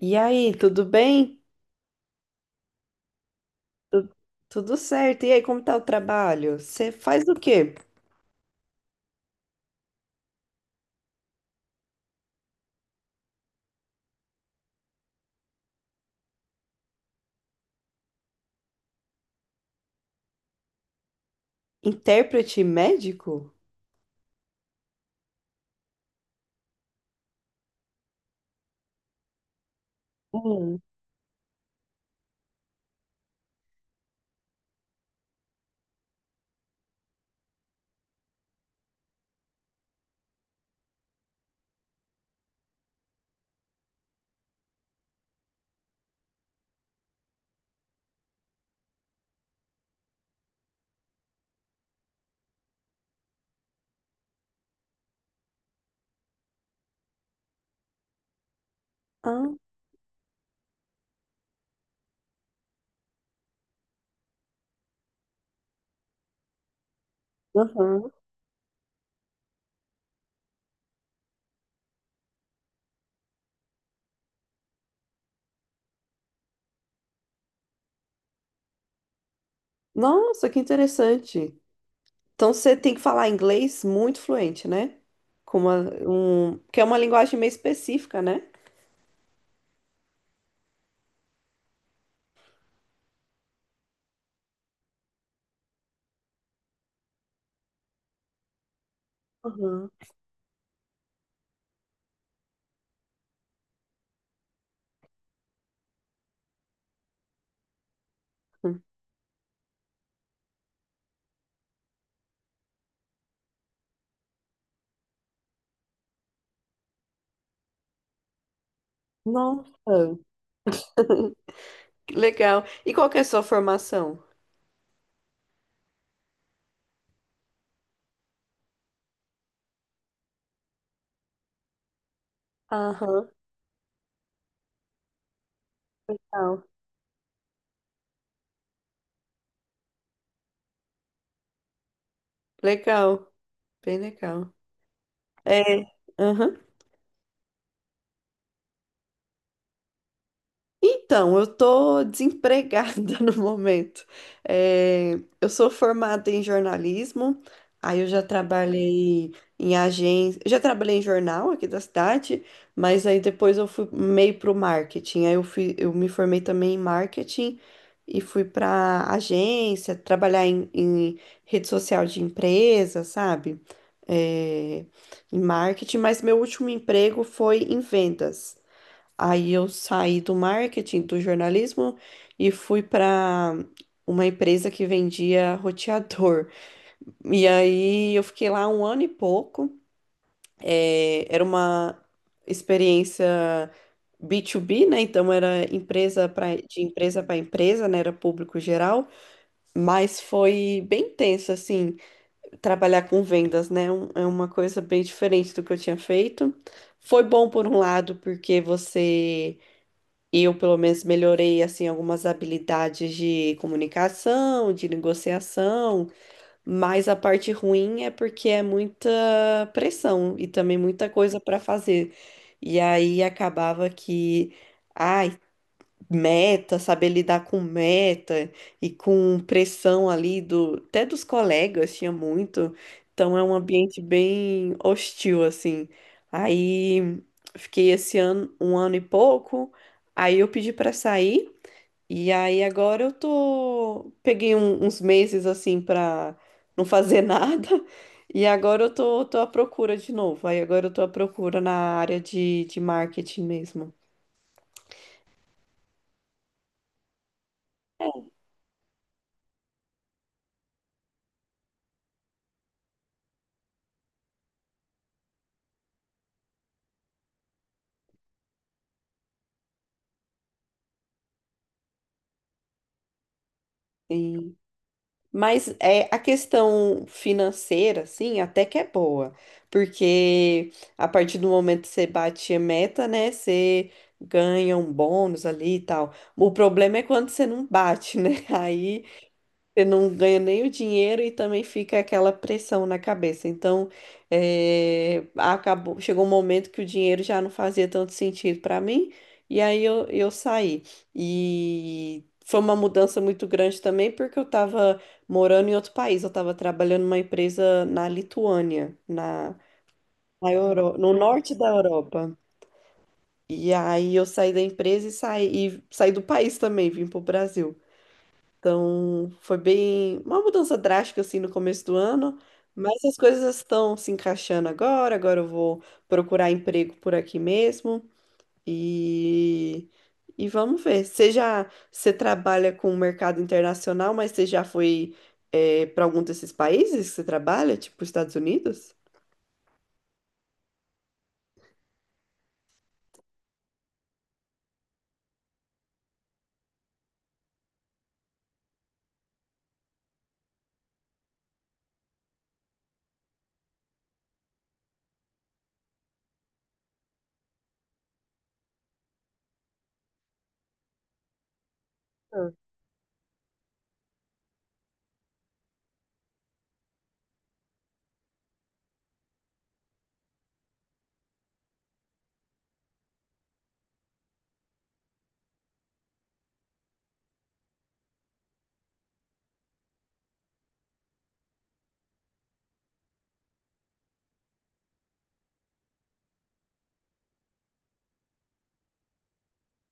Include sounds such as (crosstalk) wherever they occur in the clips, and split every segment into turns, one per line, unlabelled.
E aí, tudo bem? Tu- Tudo certo. E aí, como tá o trabalho? Você faz o quê? Intérprete médico? Hum. Ah, aham. Nossa, que interessante. Então você tem que falar inglês muito fluente, né? Com que é uma linguagem meio específica, né? Aham. Nossa, (laughs) que legal. E qual que é a sua formação? Aham, legal. Legal, bem legal. É, aham. Então, eu tô desempregada (laughs) no momento. É, eu sou formada em jornalismo, aí eu já trabalhei em agência, já trabalhei em jornal aqui da cidade, mas aí depois eu fui meio pro marketing. Eu me formei também em marketing e fui pra agência, trabalhar em rede social de empresa, sabe? É, em marketing, mas meu último emprego foi em vendas. Aí eu saí do marketing, do jornalismo e fui para uma empresa que vendia roteador. E aí eu fiquei lá um ano e pouco. É, era uma experiência B2B, né? Então era empresa pra, de empresa para empresa, né? Era público geral, mas foi bem tenso assim, trabalhar com vendas, né? É uma coisa bem diferente do que eu tinha feito. Foi bom por um lado, porque você eu, pelo menos, melhorei assim algumas habilidades de comunicação, de negociação, mas a parte ruim é porque é muita pressão e também muita coisa para fazer. E aí acabava que, ah, meta, saber lidar com meta e com pressão ali do, até dos colegas tinha muito. Então é um ambiente bem hostil assim. Aí fiquei esse ano, um ano e pouco, aí eu pedi para sair e aí agora eu tô peguei uns meses assim para não fazer (laughs) nada. E agora eu tô à procura de novo. Aí agora eu tô à procura na área de marketing mesmo. Mas é, a questão financeira, assim, até que é boa, porque a partir do momento que você bate a meta, né, você ganha um bônus ali e tal. O problema é quando você não bate, né? (laughs) Aí você não ganha nem o dinheiro e também fica aquela pressão na cabeça. Então, acabou, chegou um momento que o dinheiro já não fazia tanto sentido para mim, e aí eu saí. E foi uma mudança muito grande também, porque eu estava morando em outro país, eu estava trabalhando numa empresa na Lituânia, na no norte da Europa. E aí eu saí da empresa e saí do país também, vim para o Brasil. Então, foi bem uma mudança drástica assim no começo do ano, mas as coisas estão se encaixando agora. Agora eu vou procurar emprego por aqui mesmo e vamos ver. Você trabalha com o mercado internacional, mas você já foi para algum desses países que você trabalha, tipo Estados Unidos?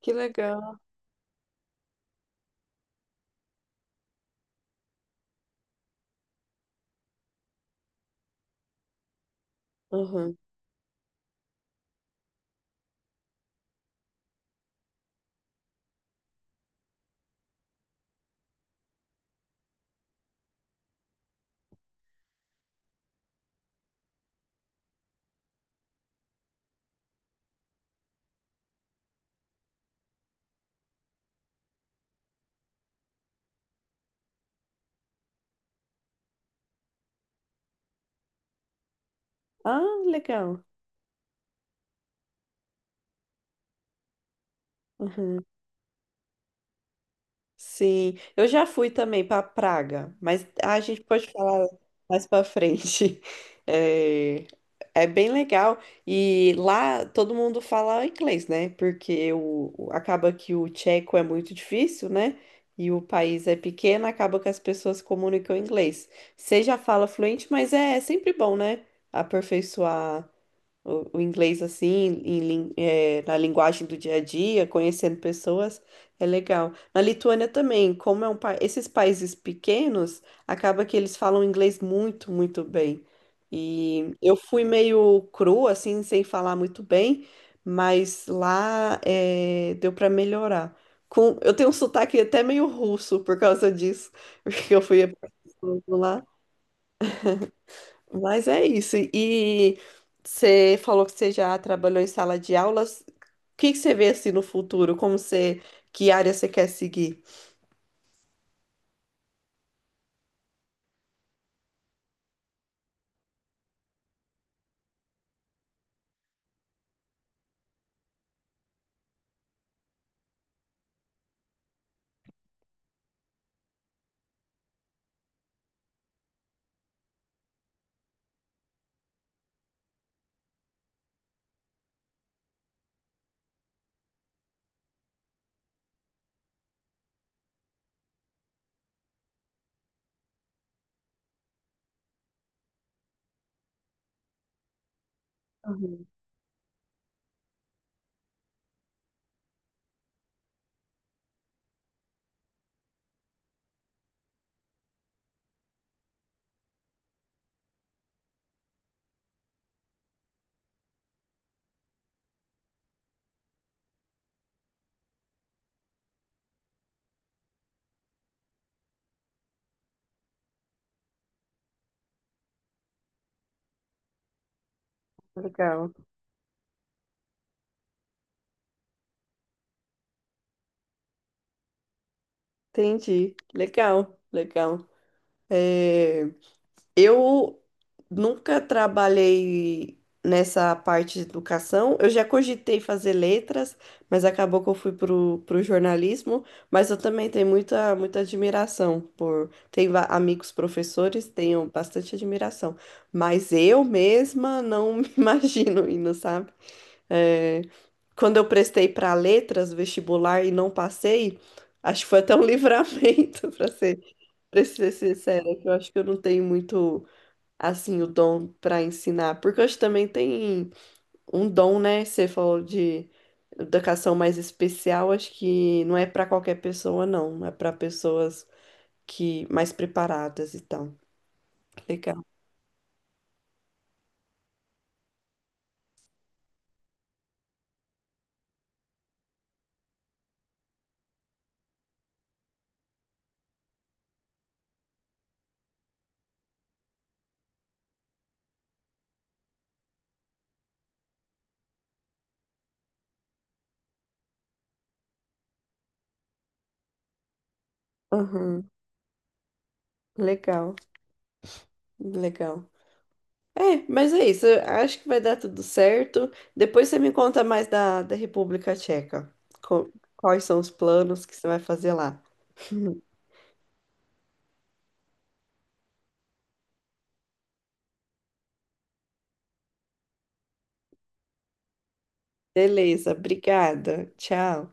Que legal. Uhum. Ah, legal. Uhum. Sim, eu já fui também para Praga, mas ah, a gente pode falar mais para frente. (laughs) É, é bem legal. E lá todo mundo fala inglês, né? Porque acaba que o tcheco é muito difícil, né? E o país é pequeno, acaba que as pessoas comunicam inglês. Você já fala fluente, mas é sempre bom, né? Aperfeiçoar o inglês assim, na linguagem do dia a dia, conhecendo pessoas, é legal. Na Lituânia também, como é um país, esses países pequenos, acaba que eles falam inglês muito, muito bem. E eu fui meio cru, assim, sem falar muito bem, mas lá deu para melhorar. Eu tenho um sotaque até meio russo por causa disso, (laughs) porque eu fui mas é isso. E você falou que você já trabalhou em sala de aulas. O que que você vê assim no futuro? Que área você quer seguir? Uhum, legal. Entendi. Legal, legal. É, eu nunca trabalhei nessa parte de educação. Eu já cogitei fazer letras, mas acabou que eu fui pro jornalismo. Mas eu também tenho muita, muita admiração por. Amigos professores, tenho bastante admiração. Mas eu mesma não (laughs) me imagino indo, sabe? É, quando eu prestei para letras, vestibular e não passei, acho que foi até um (laughs) livramento, para ser sincera, que eu acho que eu não tenho muito assim, o dom para ensinar? Porque hoje também tem um dom, né? Você falou de educação mais especial, acho que não é para qualquer pessoa, não. É para pessoas que mais preparadas e tal. Legal. Aham, legal, legal. É, mas é isso. Eu acho que vai dar tudo certo. Depois você me conta mais da, da República Tcheca. Co- Quais são os planos que você vai fazer lá? Beleza, obrigada. Tchau.